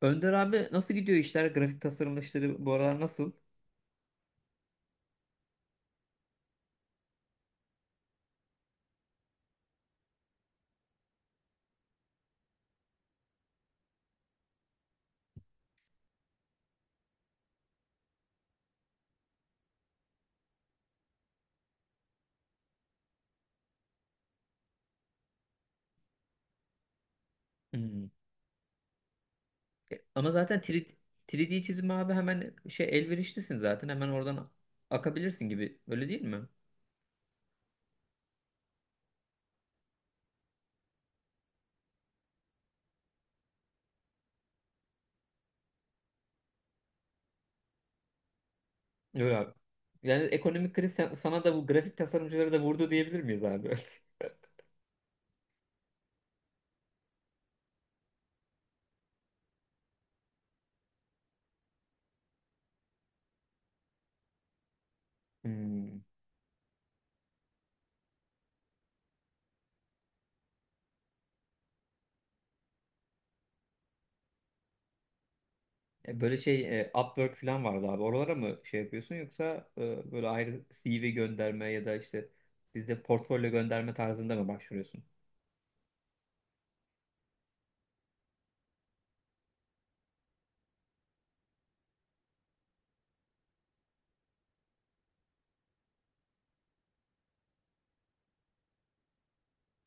Önder abi nasıl gidiyor işler? Grafik tasarım işleri bu aralar nasıl? Hmm. E, ama zaten 3D çizim abi hemen şey elverişlisin zaten. Hemen oradan akabilirsin gibi. Öyle değil mi? Öyle abi. Yani ekonomik kriz sana da bu grafik tasarımcıları da vurdu diyebilir miyiz abi? Hmm. E, böyle şey Upwork falan vardı abi. Oralara mı şey yapıyorsun yoksa böyle ayrı CV gönderme ya da işte bizde portfolyo gönderme tarzında mı başvuruyorsun?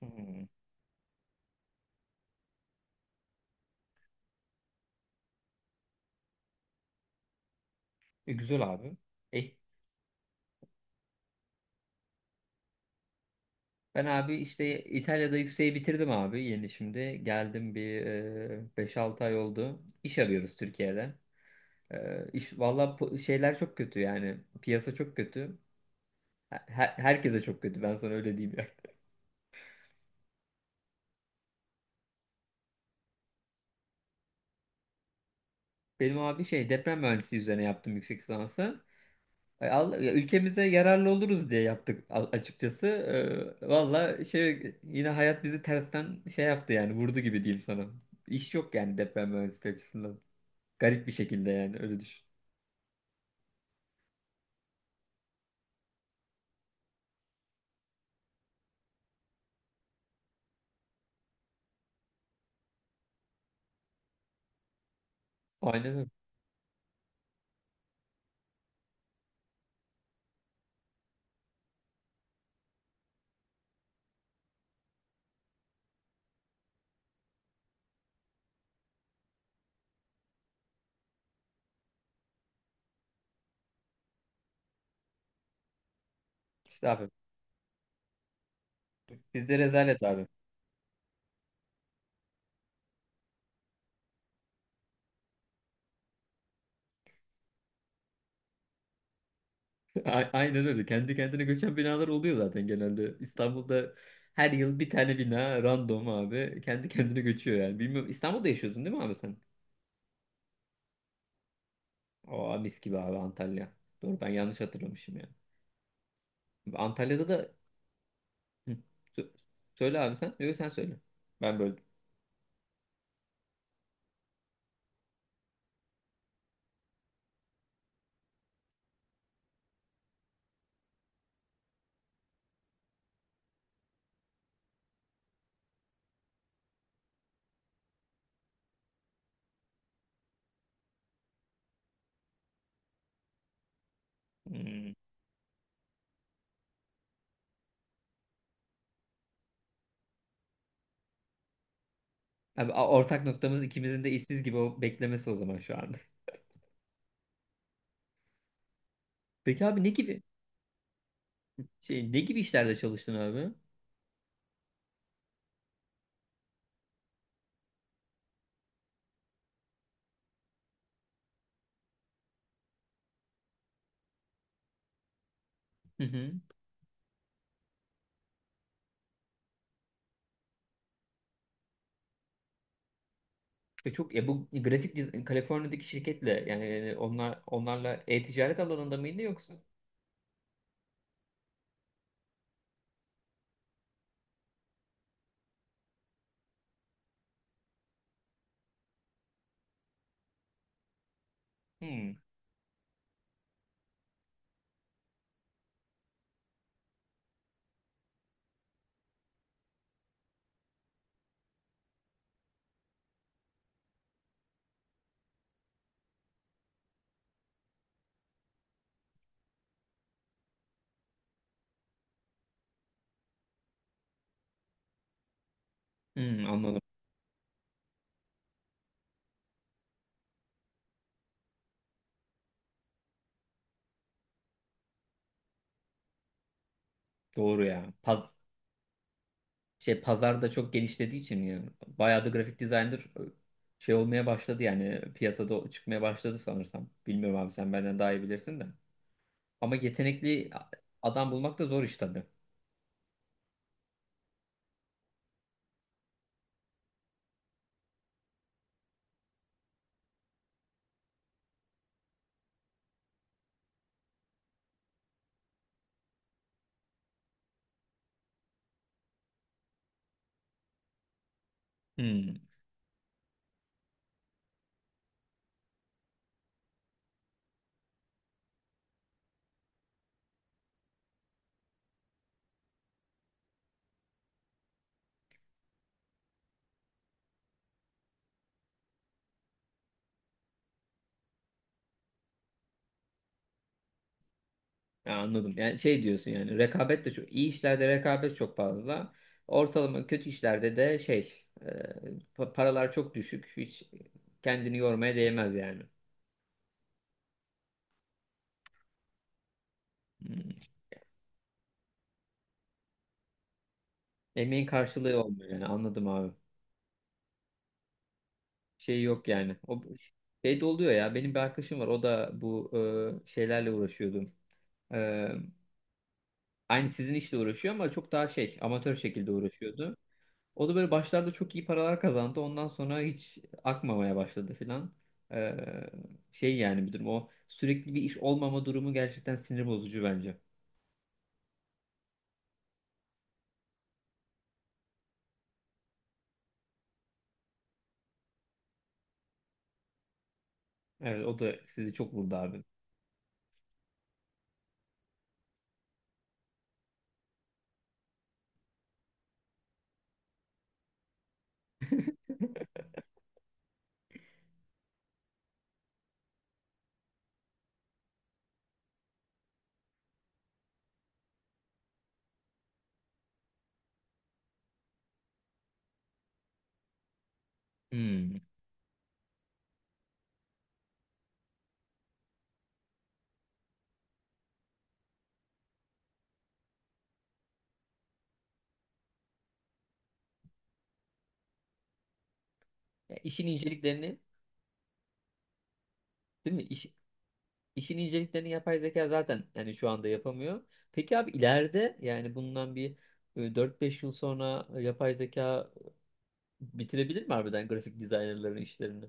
Hmm. E, güzel abi. E, ben abi işte İtalya'da yükseği bitirdim abi yeni şimdi. Geldim bir 5-6 ay oldu. İş arıyoruz Türkiye'de. E, valla şeyler çok kötü yani. Piyasa çok kötü. Herkese çok kötü ben sana öyle diyeyim ya. Benim abi şey deprem mühendisliği üzerine yaptım yüksek lisansı. E, ya ülkemize yararlı oluruz diye yaptık açıkçası. E, valla şey yine hayat bizi tersten şey yaptı yani vurdu gibi diyeyim sana. İş yok yani deprem mühendisliği açısından. Garip bir şekilde yani öyle düşün. Aynen öyle. İşte abi. Bizde rezalet abi. Aynen öyle. Kendi kendine göçen binalar oluyor zaten genelde. İstanbul'da her yıl bir tane bina random abi. Kendi kendine göçüyor yani. Bilmiyorum. İstanbul'da yaşıyordun değil mi abi sen? Aa, mis gibi abi Antalya. Doğru ben yanlış hatırlamışım ya. Antalya'da da... Hı. Sö- Söyle abi sen. Yok sen söyle. Ben böldüm. Hmm. Abi ortak noktamız ikimizin de işsiz gibi o beklemesi o zaman şu anda. Peki abi ne gibi işlerde çalıştın abi? Hı hı. Ve çok ya Kaliforniya'daki şirketle yani onlar onlarla e-ticaret alanında mıydı yoksa? Hmm. Hmm, anladım. Doğru ya. Pazarda çok genişlediği için ya. Bayağı da grafik designer şey olmaya başladı yani piyasada çıkmaya başladı sanırsam. Bilmiyorum abi sen benden daha iyi bilirsin de. Ama yetenekli adam bulmak da zor iş tabii. Hmm. Ya anladım. Yani şey diyorsun yani rekabet de çok iyi işlerde rekabet çok fazla. Ortalama kötü işlerde de şey paralar çok düşük. Hiç kendini yormaya değmez yani. Hmm. Emeğin karşılığı olmuyor yani anladım abi. Şey yok yani. O şey de oluyor ya benim bir arkadaşım var o da bu şeylerle uğraşıyordu. E, aynı sizin işle uğraşıyor ama çok daha şey amatör şekilde uğraşıyordu. O da böyle başlarda çok iyi paralar kazandı. Ondan sonra hiç akmamaya başladı filan. Ee, Şey yani bir durum o sürekli bir iş olmama durumu gerçekten sinir bozucu bence. Evet o da sizi çok vurdu abi. Hmm. Ya işin inceliklerini değil mi? İş, işin inceliklerini yapay zeka zaten yani şu anda yapamıyor. Peki abi ileride yani bundan bir 4-5 yıl sonra yapay zeka bitirebilir mi harbiden grafik dizaynerların işlerini?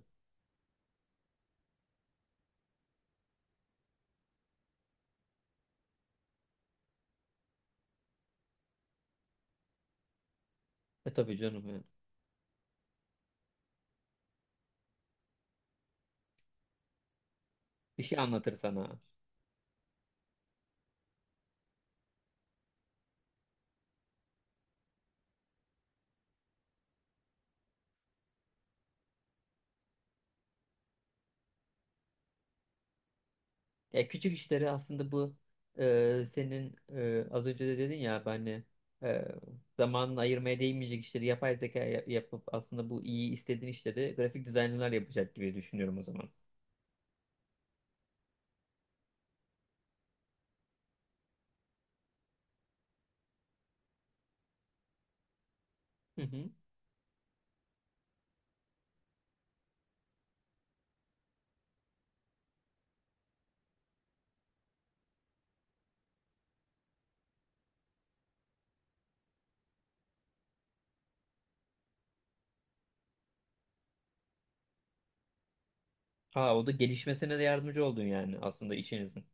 E tabii canım yani. Bir şey anlatır sana. Ya küçük işleri aslında bu senin az önce de dedin ya ben hani e, zamanını ayırmaya değmeyecek işleri yapay zeka yapıp aslında bu iyi istediğin işleri grafik dizaynlar yapacak gibi düşünüyorum o zaman. Hı hı. Aa, o da gelişmesine de yardımcı oldun yani aslında işinizin.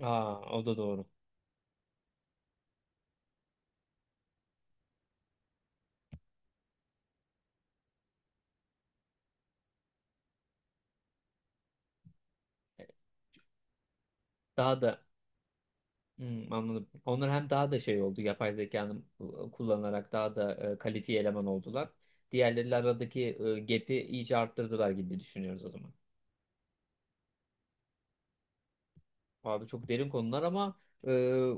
Aa, o da doğru. Daha da hmm, anladım. Onlar hem daha da şey oldu yapay zekanın kullanarak daha da kalifiye eleman oldular. Diğerleriyle aradaki gap'i iyice arttırdılar gibi düşünüyoruz o zaman. Abi çok derin konular ama e,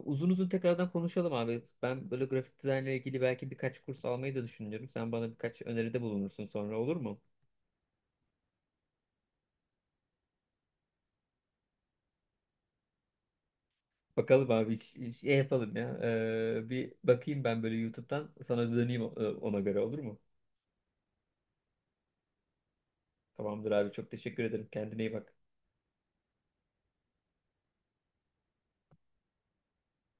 uzun uzun tekrardan konuşalım abi. Ben böyle grafik dizaynla ilgili belki birkaç kurs almayı da düşünüyorum. Sen bana birkaç öneride bulunursun sonra olur mu? Bakalım abi şey yapalım ya. E, bir bakayım ben böyle YouTube'dan sana döneyim ona göre olur mu? Tamamdır abi çok teşekkür ederim. Kendine iyi bak.